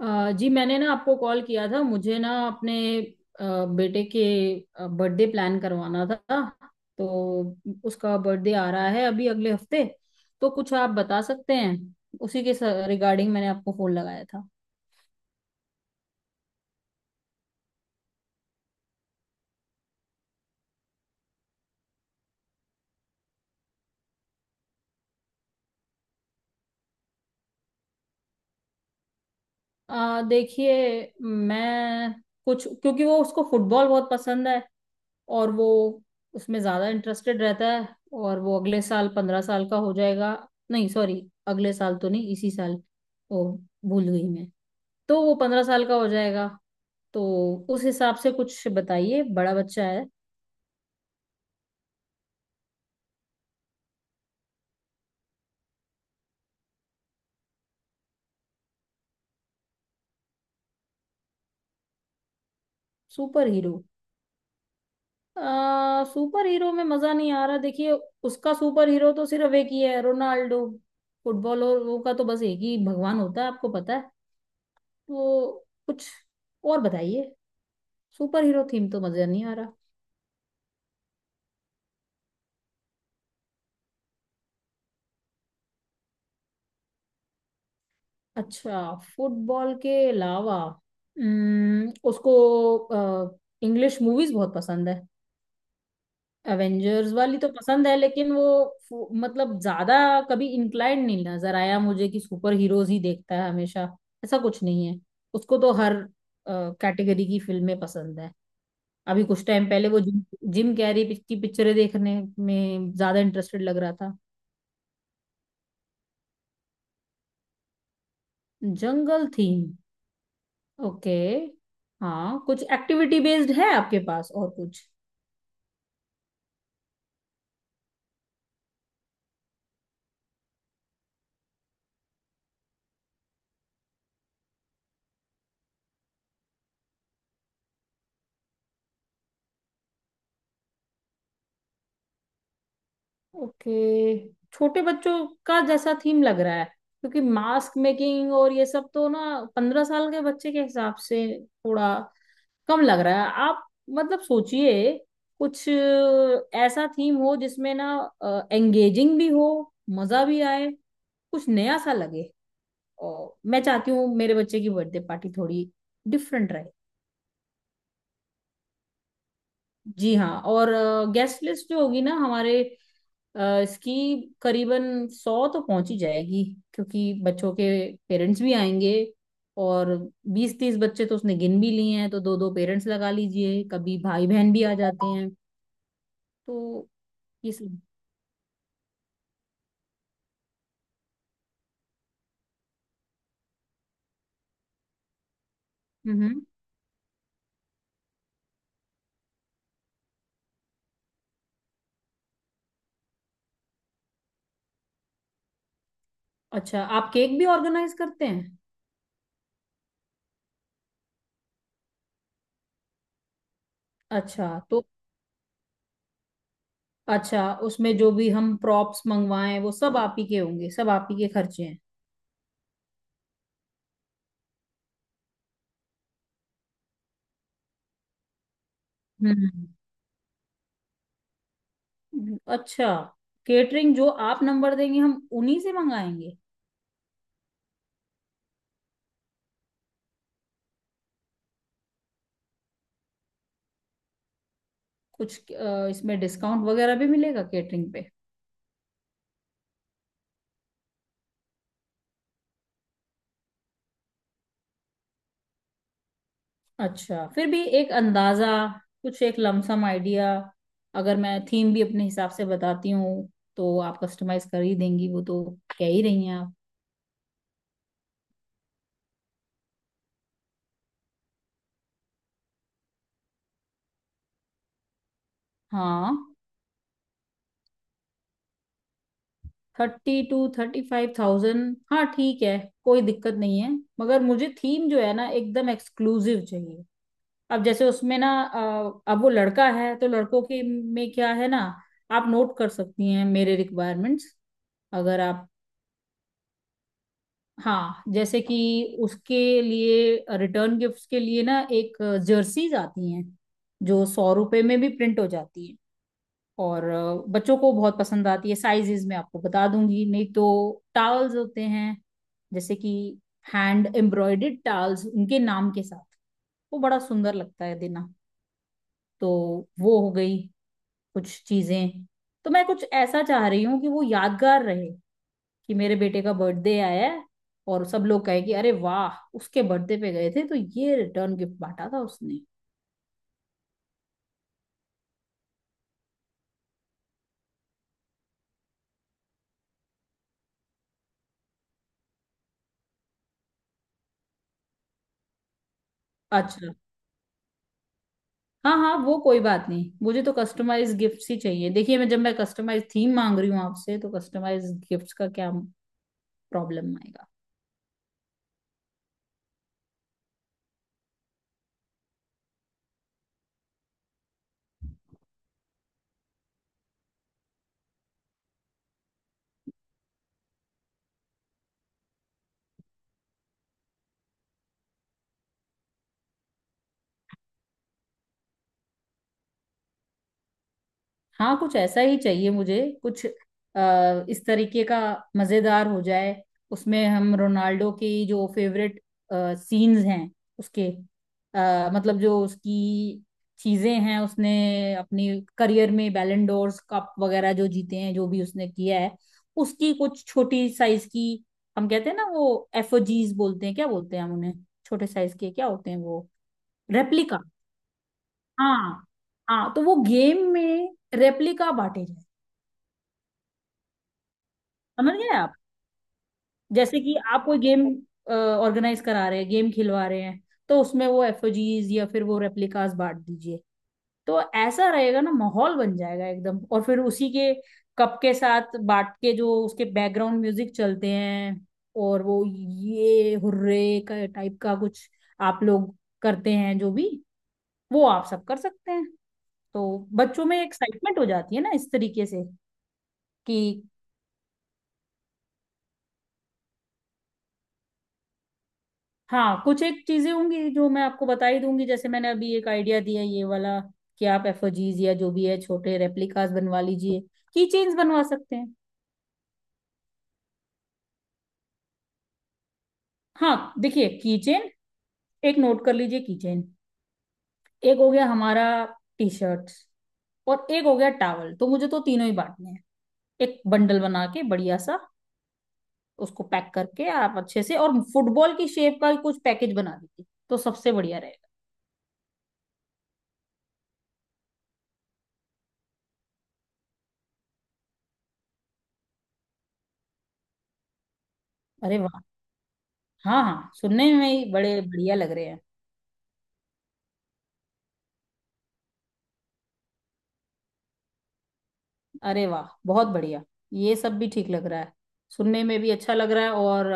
जी, मैंने ना आपको कॉल किया था। मुझे ना अपने बेटे के बर्थडे प्लान करवाना था। तो उसका बर्थडे आ रहा है अभी अगले हफ्ते। तो कुछ आप बता सकते हैं उसी के रिगार्डिंग। मैंने आपको फोन लगाया था। देखिए, मैं कुछ, क्योंकि वो, उसको फुटबॉल बहुत पसंद है और वो उसमें ज़्यादा इंटरेस्टेड रहता है। और वो अगले साल 15 साल का हो जाएगा। नहीं सॉरी, अगले साल तो नहीं, इसी साल। ओ, भूल गई मैं। तो वो 15 साल का हो जाएगा। तो उस हिसाब से कुछ बताइए, बड़ा बच्चा है। Super hero. सुपर हीरो में मजा नहीं आ रहा, देखिए। उसका सुपर हीरो तो सिर्फ एक ही है, रोनाल्डो। फुटबॉलरों का तो बस एक ही भगवान होता है, आपको पता है। तो कुछ और बताइए। सुपर हीरो थीम तो मजा नहीं आ रहा। अच्छा, फुटबॉल के अलावा उसको इंग्लिश मूवीज बहुत पसंद है। एवेंजर्स वाली तो पसंद है, लेकिन वो मतलब ज्यादा कभी इंक्लाइंड नहीं नजर आया मुझे कि सुपर हीरोज ही देखता है हमेशा। ऐसा कुछ नहीं है। उसको तो हर कैटेगरी की फिल्में पसंद है। अभी कुछ टाइम पहले वो जिम जिम कैरी की पिक्चरें देखने में ज्यादा इंटरेस्टेड लग रहा था। जंगल थीम। ओके। हाँ, कुछ एक्टिविटी बेस्ड है आपके पास और कुछ? ओके। छोटे बच्चों का जैसा थीम लग रहा है, क्योंकि मास्क मेकिंग और ये सब तो ना 15 साल के बच्चे के हिसाब से थोड़ा कम लग रहा है, आप मतलब सोचिए कुछ ऐसा थीम हो जिसमें ना एंगेजिंग भी हो, मजा भी आए, कुछ नया सा लगे। और मैं चाहती हूँ मेरे बच्चे की बर्थडे पार्टी थोड़ी डिफरेंट रहे। जी हाँ, और गेस्ट लिस्ट जो होगी ना हमारे इसकी, करीबन 100 तो पहुंच ही जाएगी। क्योंकि बच्चों के पेरेंट्स भी आएंगे, और 20-30 बच्चे तो उसने गिन भी लिए हैं, तो दो दो पेरेंट्स लगा लीजिए, कभी भाई बहन भी आ जाते हैं। तो ये सब। हम्म। अच्छा, आप केक भी ऑर्गेनाइज करते हैं? अच्छा तो। अच्छा, उसमें जो भी हम प्रॉप्स मंगवाएं वो सब आप ही के होंगे, सब आप ही के खर्चे हैं? हम्म, अच्छा। केटरिंग जो आप नंबर देंगे हम उन्हीं से मंगाएंगे। कुछ इसमें डिस्काउंट वगैरह भी मिलेगा केटरिंग पे? अच्छा, फिर भी एक अंदाजा, कुछ एक लमसम आइडिया? अगर मैं थीम भी अपने हिसाब से बताती हूँ, तो आप कस्टमाइज कर ही देंगी, वो तो कह ही रही हैं आप। हाँ। 32,000-35,000। हाँ ठीक है, कोई दिक्कत नहीं है। मगर मुझे थीम जो है ना, एकदम एक्सक्लूसिव चाहिए। अब जैसे उसमें ना अब वो लड़का है, तो लड़कों के में क्या है ना। आप नोट कर सकती हैं मेरे रिक्वायरमेंट्स, अगर आप। हाँ जैसे कि उसके लिए रिटर्न गिफ्ट्स के लिए ना, एक जर्सीज आती हैं जो 100 रुपए में भी प्रिंट हो जाती है और बच्चों को बहुत पसंद आती है, साइजेस मैं आपको बता दूंगी। नहीं तो टावल्स होते हैं, जैसे कि हैंड एम्ब्रॉयडेड टावल्स उनके नाम के साथ, वो बड़ा सुंदर लगता है देना। तो वो हो गई कुछ चीजें। तो मैं कुछ ऐसा चाह रही हूँ कि वो यादगार रहे, कि मेरे बेटे का बर्थडे आया है और सब लोग कहे कि अरे वाह, उसके बर्थडे पे गए थे तो ये रिटर्न गिफ्ट बांटा था उसने। अच्छा। हाँ हाँ, वो कोई बात नहीं, मुझे तो कस्टमाइज गिफ्ट्स ही चाहिए। देखिए, मैं जब मैं कस्टमाइज थीम मांग रही हूँ आपसे, तो कस्टमाइज गिफ्ट्स का क्या प्रॉब्लम आएगा? हाँ, कुछ ऐसा ही चाहिए मुझे, कुछ इस तरीके का, मजेदार हो जाए। उसमें हम रोनाल्डो की जो फेवरेट सीन्स हैं उसके, मतलब जो उसकी चीजें हैं, उसने अपनी करियर में बैलन डोर्स कप वगैरह जो जीते हैं, जो भी उसने किया है, उसकी कुछ छोटी साइज की, हम कहते हैं ना वो एफओजीज बोलते हैं, क्या बोलते हैं हम उन्हें, छोटे साइज के क्या होते हैं वो। रेप्लिका। हाँ। हाँ, तो वो गेम में रेप्लिका बांटे जाए। समझ गए आप? जैसे कि आप कोई गेम ऑर्गेनाइज करा रहे हैं, गेम खिलवा रहे हैं, तो उसमें वो एफओजीज या फिर वो रेप्लिकास बांट दीजिए, तो ऐसा रहेगा ना, माहौल बन जाएगा एकदम। और फिर उसी के कप के साथ बांट के जो उसके बैकग्राउंड म्यूजिक चलते हैं, और वो ये हुर्रे का टाइप का कुछ आप लोग करते हैं, जो भी, वो आप सब कर सकते हैं। तो बच्चों में एक्साइटमेंट हो जाती है ना इस तरीके से। कि हाँ, कुछ एक चीजें होंगी जो मैं आपको बता ही दूंगी, जैसे मैंने अभी एक आइडिया दिया ये वाला, कि आप एफओजीज या जो भी है छोटे रेप्लिकास बनवा लीजिए, की चेन्स बनवा सकते हैं। हाँ देखिए, की चेन, एक नोट कर लीजिए, की चेन एक हो गया हमारा, टी शर्ट और एक हो गया टॉवल, तो मुझे तो तीनों ही बांटने हैं, एक बंडल बना के बढ़िया सा उसको पैक करके, आप अच्छे से और फुटबॉल की शेप का कुछ पैकेज बना दीजिए, तो सबसे बढ़िया रहेगा। अरे वाह! हाँ हाँ, सुनने में ही बड़े बढ़िया लग रहे हैं। अरे वाह, बहुत बढ़िया, ये सब भी ठीक लग रहा है, सुनने में भी अच्छा लग रहा है। और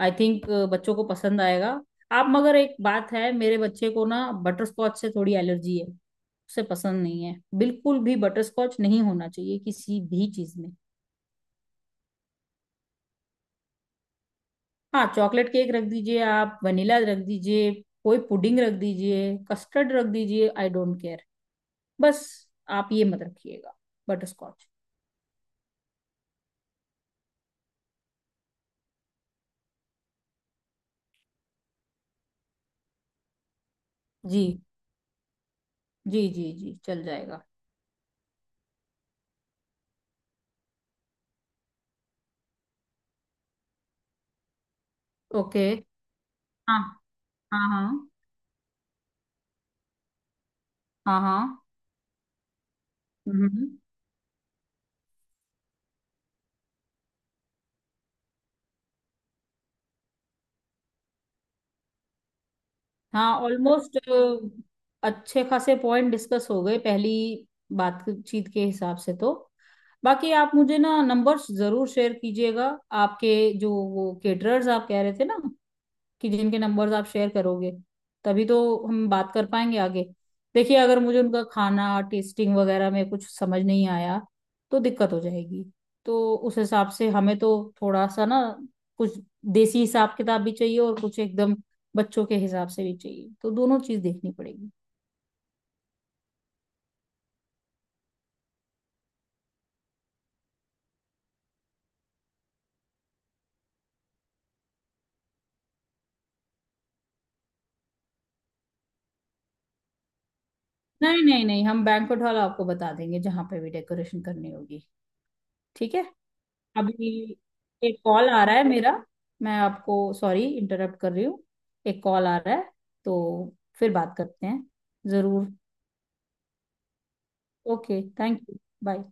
आई थिंक बच्चों को पसंद आएगा। आप, मगर एक बात है, मेरे बच्चे को ना बटर स्कॉच से थोड़ी एलर्जी है, उसे पसंद नहीं है बिल्कुल भी, बटर स्कॉच नहीं होना चाहिए किसी भी चीज में। हाँ, चॉकलेट केक रख दीजिए, आप वनीला रख दीजिए, कोई पुडिंग रख दीजिए, कस्टर्ड रख दीजिए, आई डोंट केयर। बस आप ये मत रखिएगा, बटर स्कॉच। जी जी जी जी चल जाएगा। ओके। हाँ हाँ। हाँ हाँ हाँ। हम्म। हाँ, ऑलमोस्ट अच्छे खासे पॉइंट डिस्कस हो गए पहली बातचीत के हिसाब से, तो बाकी आप मुझे ना नंबर्स जरूर शेयर कीजिएगा आपके, जो वो केटरर्स आप कह रहे थे ना, कि जिनके नंबर्स आप शेयर करोगे तभी तो हम बात कर पाएंगे आगे। देखिए, अगर मुझे उनका खाना टेस्टिंग वगैरह में कुछ समझ नहीं आया, तो दिक्कत हो जाएगी। तो उस हिसाब से हमें तो थोड़ा सा ना कुछ देसी हिसाब किताब भी चाहिए, और कुछ एकदम बच्चों के हिसाब से भी चाहिए, तो दोनों चीज देखनी पड़ेगी। नहीं नहीं नहीं, हम बैंक्वेट हॉल आपको बता देंगे जहाँ पे भी डेकोरेशन करनी होगी। ठीक है। अभी एक कॉल आ रहा है मेरा, मैं आपको सॉरी इंटरप्ट कर रही हूँ, एक कॉल आ रहा है, तो फिर बात करते हैं। जरूर। Okay, thank you. बाय।